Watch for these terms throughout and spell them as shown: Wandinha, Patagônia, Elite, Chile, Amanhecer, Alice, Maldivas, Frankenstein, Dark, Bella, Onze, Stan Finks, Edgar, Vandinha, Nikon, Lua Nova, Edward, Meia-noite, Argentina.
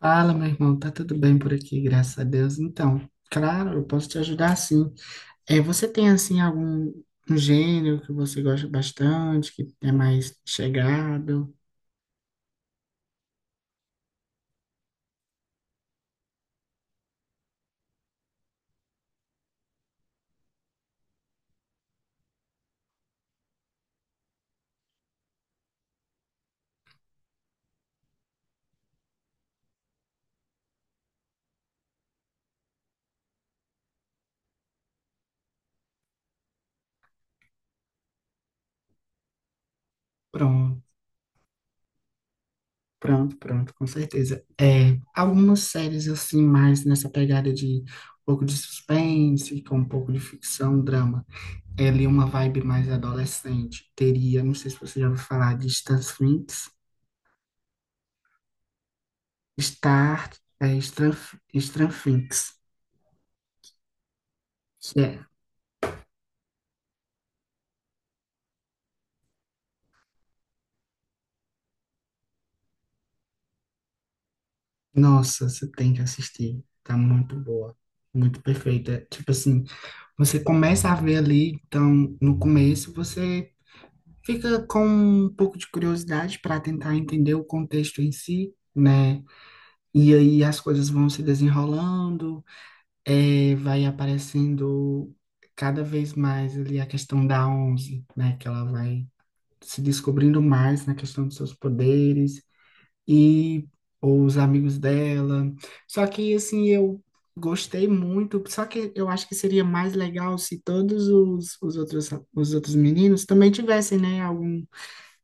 Fala, meu irmão, tá tudo bem por aqui, graças a Deus. Então, claro, eu posso te ajudar sim. Você tem assim algum um gênero que você gosta bastante, que é mais chegado? Pronto, pronto, com certeza. Algumas séries assim mais nessa pegada de um pouco de suspense, com um pouco de ficção, drama. É ali uma vibe mais adolescente. Teria, não sei se você já ouviu falar de Stan Finks, Star, é, Stan, Stan Finks. Nossa, você tem que assistir. Tá muito boa, muito perfeita. Tipo assim, você começa a ver ali, então no começo você fica com um pouco de curiosidade para tentar entender o contexto em si, né? E aí as coisas vão se desenrolando, vai aparecendo cada vez mais ali a questão da Onze, né? Que ela vai se descobrindo mais na questão dos seus poderes e ou os amigos dela. Só que assim eu gostei muito, só que eu acho que seria mais legal se todos os outros meninos também tivessem, né, algum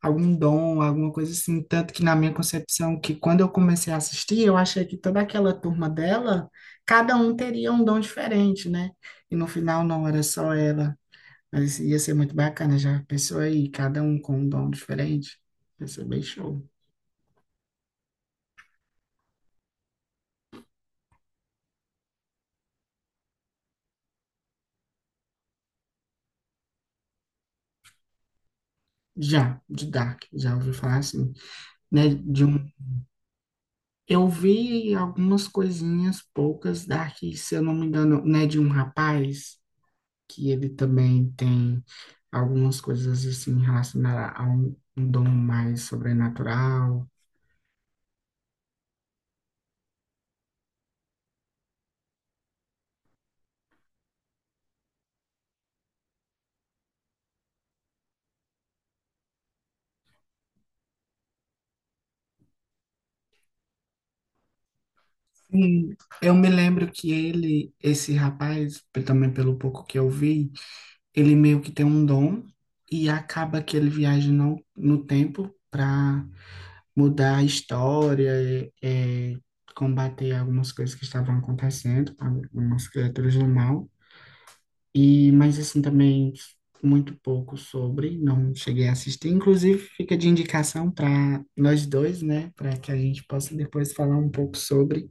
algum dom, alguma coisa assim, tanto que na minha concepção que quando eu comecei a assistir, eu achei que toda aquela turma dela, cada um teria um dom diferente, né? E no final não era só ela. Mas ia ser muito bacana, já pensou aí, cada um com um dom diferente? Ia ser bem show. Já, de Dark, já ouvi falar assim, né? De um, eu vi algumas coisinhas poucas Dark, se eu não me engano, né? De um rapaz que ele também tem algumas coisas assim relacionadas a um dom mais sobrenatural. Sim, eu me lembro que ele, esse rapaz, também pelo pouco que eu vi, ele meio que tem um dom e acaba que ele viaja no tempo para mudar a história, combater algumas coisas que estavam acontecendo, algumas criaturas do mal. E, mas assim, também muito pouco sobre, não cheguei a assistir. Inclusive, fica de indicação para nós dois, né? Para que a gente possa depois falar um pouco sobre.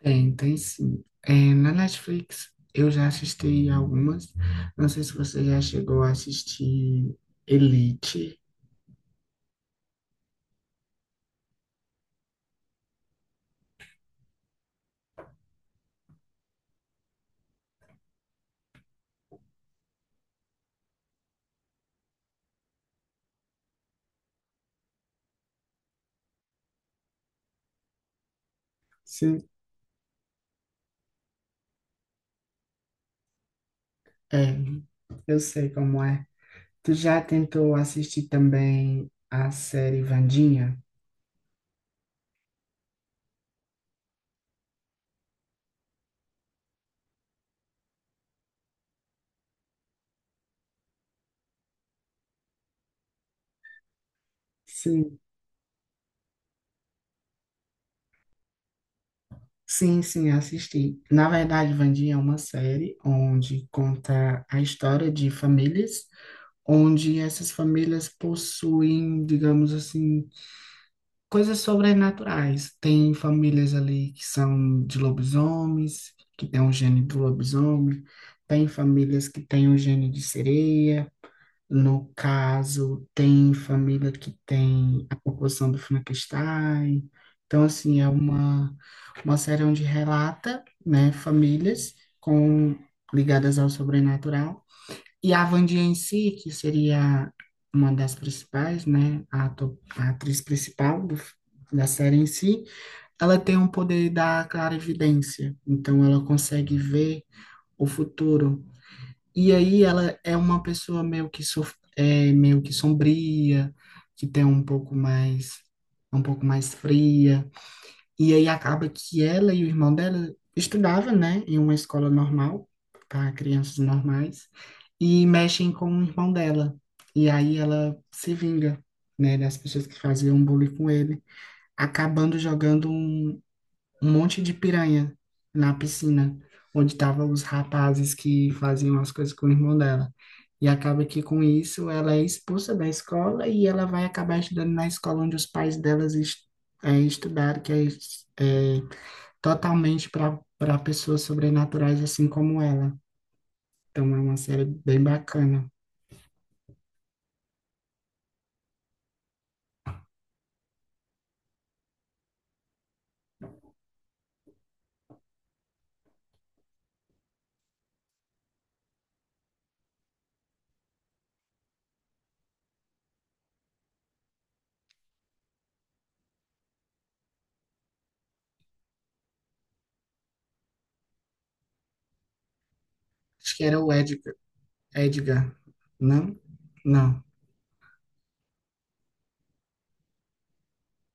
Tem, tem sim. Na Netflix, eu já assisti algumas. Não sei se você já chegou a assistir Elite. Sim, é. Eu sei como é. Tu já tentou assistir também a série Vandinha? Sim. Sim, sim, assisti. Na verdade, Vandinha é uma série onde conta a história de famílias, onde essas famílias possuem, digamos assim, coisas sobrenaturais. Tem famílias ali que são de lobisomens, que tem o gene do lobisomem, tem famílias que têm o gene de sereia. No caso, tem família que tem a proporção do Frankenstein. Então, assim, é uma série onde relata, né, famílias com ligadas ao sobrenatural. E a Wandinha em si, que seria uma das principais, né, a atriz principal do, da série em si, ela tem um poder da clarividência. Então, ela consegue ver o futuro. E aí ela é uma pessoa meio que meio que sombria, que tem um pouco mais, um pouco mais fria. E aí acaba que ela e o irmão dela estudava, né, em uma escola normal para crianças normais e mexem com o irmão dela. E aí ela se vinga, né, das pessoas que faziam bullying com ele, acabando jogando um, um monte de piranha na piscina, onde estavam os rapazes que faziam as coisas com o irmão dela. E acaba que com isso ela é expulsa da escola e ela vai acabar estudando na escola onde os pais delas estudaram, que é totalmente para pessoas sobrenaturais assim como ela. Então é uma série bem bacana. Acho que era o Edgar, Edgar, não? Não.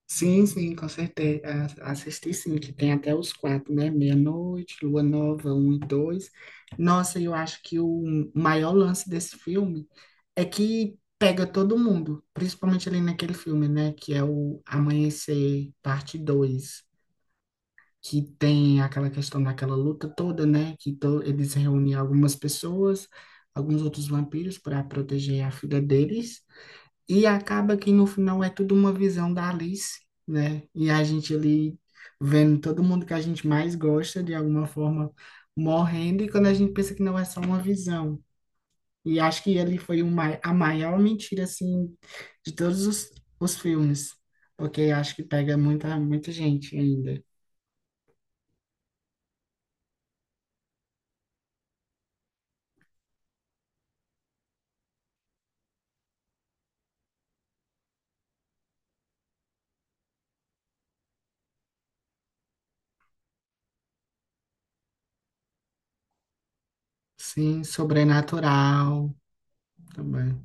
Sim, sim, com certeza. Assisti sim, que tem até os quatro, né? Meia-noite, Lua Nova, um e dois. Nossa, eu acho que o maior lance desse filme é que pega todo mundo, principalmente ali naquele filme, né? Que é o Amanhecer, parte dois, que tem aquela questão daquela luta toda, né? Que to eles reúnem algumas pessoas, alguns outros vampiros para proteger a filha deles. E acaba que no final é tudo uma visão da Alice, né? E a gente ali vendo todo mundo que a gente mais gosta, de alguma forma, morrendo, e quando a gente pensa que não é só uma visão. E acho que ele foi o a maior mentira, assim, de todos os filmes, porque acho que pega muita, muita gente ainda. Sim, Sobrenatural também.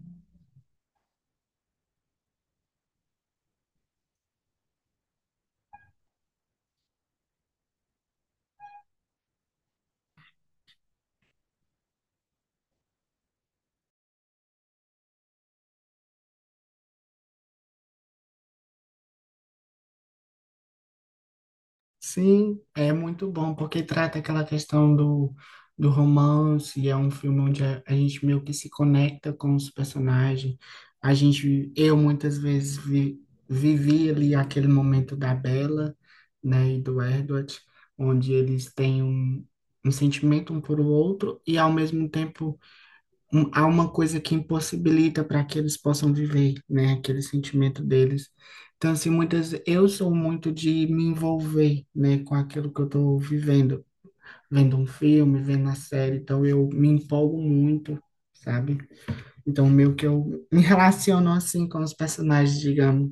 Sim, é muito bom, porque trata aquela questão do, do romance, é um filme onde a gente meio que se conecta com os personagens. A gente, eu muitas vezes vivi ali aquele momento da Bella, né, e do Edward, onde eles têm um, um sentimento um por o outro, e ao mesmo tempo há uma coisa que impossibilita para que eles possam viver, né, aquele sentimento deles. Então, assim, muitas, eu sou muito de me envolver, né, com aquilo que eu estou vivendo, vendo um filme, vendo a série, então eu me empolgo muito, sabe? Então, meio que eu me relaciono assim com os personagens, digamos.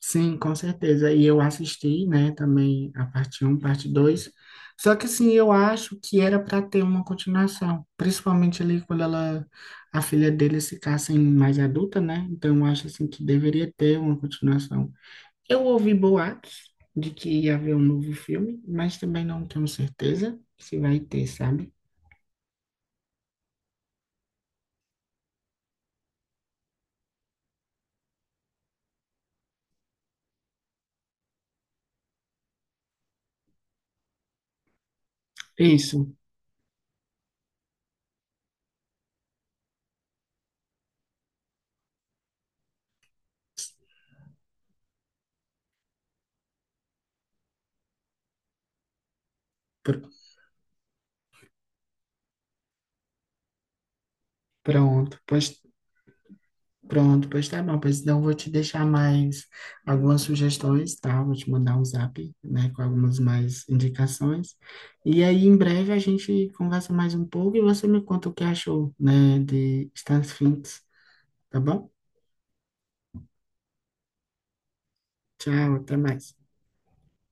Sim, com certeza. E eu assisti, né, também a parte um parte dois. Só que assim, eu acho que era para ter uma continuação, principalmente ali quando ela a filha dele ficasse mais adulta, né? Então eu acho assim que deveria ter uma continuação. Eu ouvi boatos de que ia haver um novo filme, mas também não tenho certeza se vai ter, sabe? Isso. Pr- pronto. Pois Pronto, pois tá bom. Pois então eu vou te deixar mais algumas sugestões, tá? Vou te mandar um zap, né, com algumas mais indicações. E aí em breve a gente conversa mais um pouco e você me conta o que achou, né, de Stan Sphinx, tá bom? Tchau, até mais.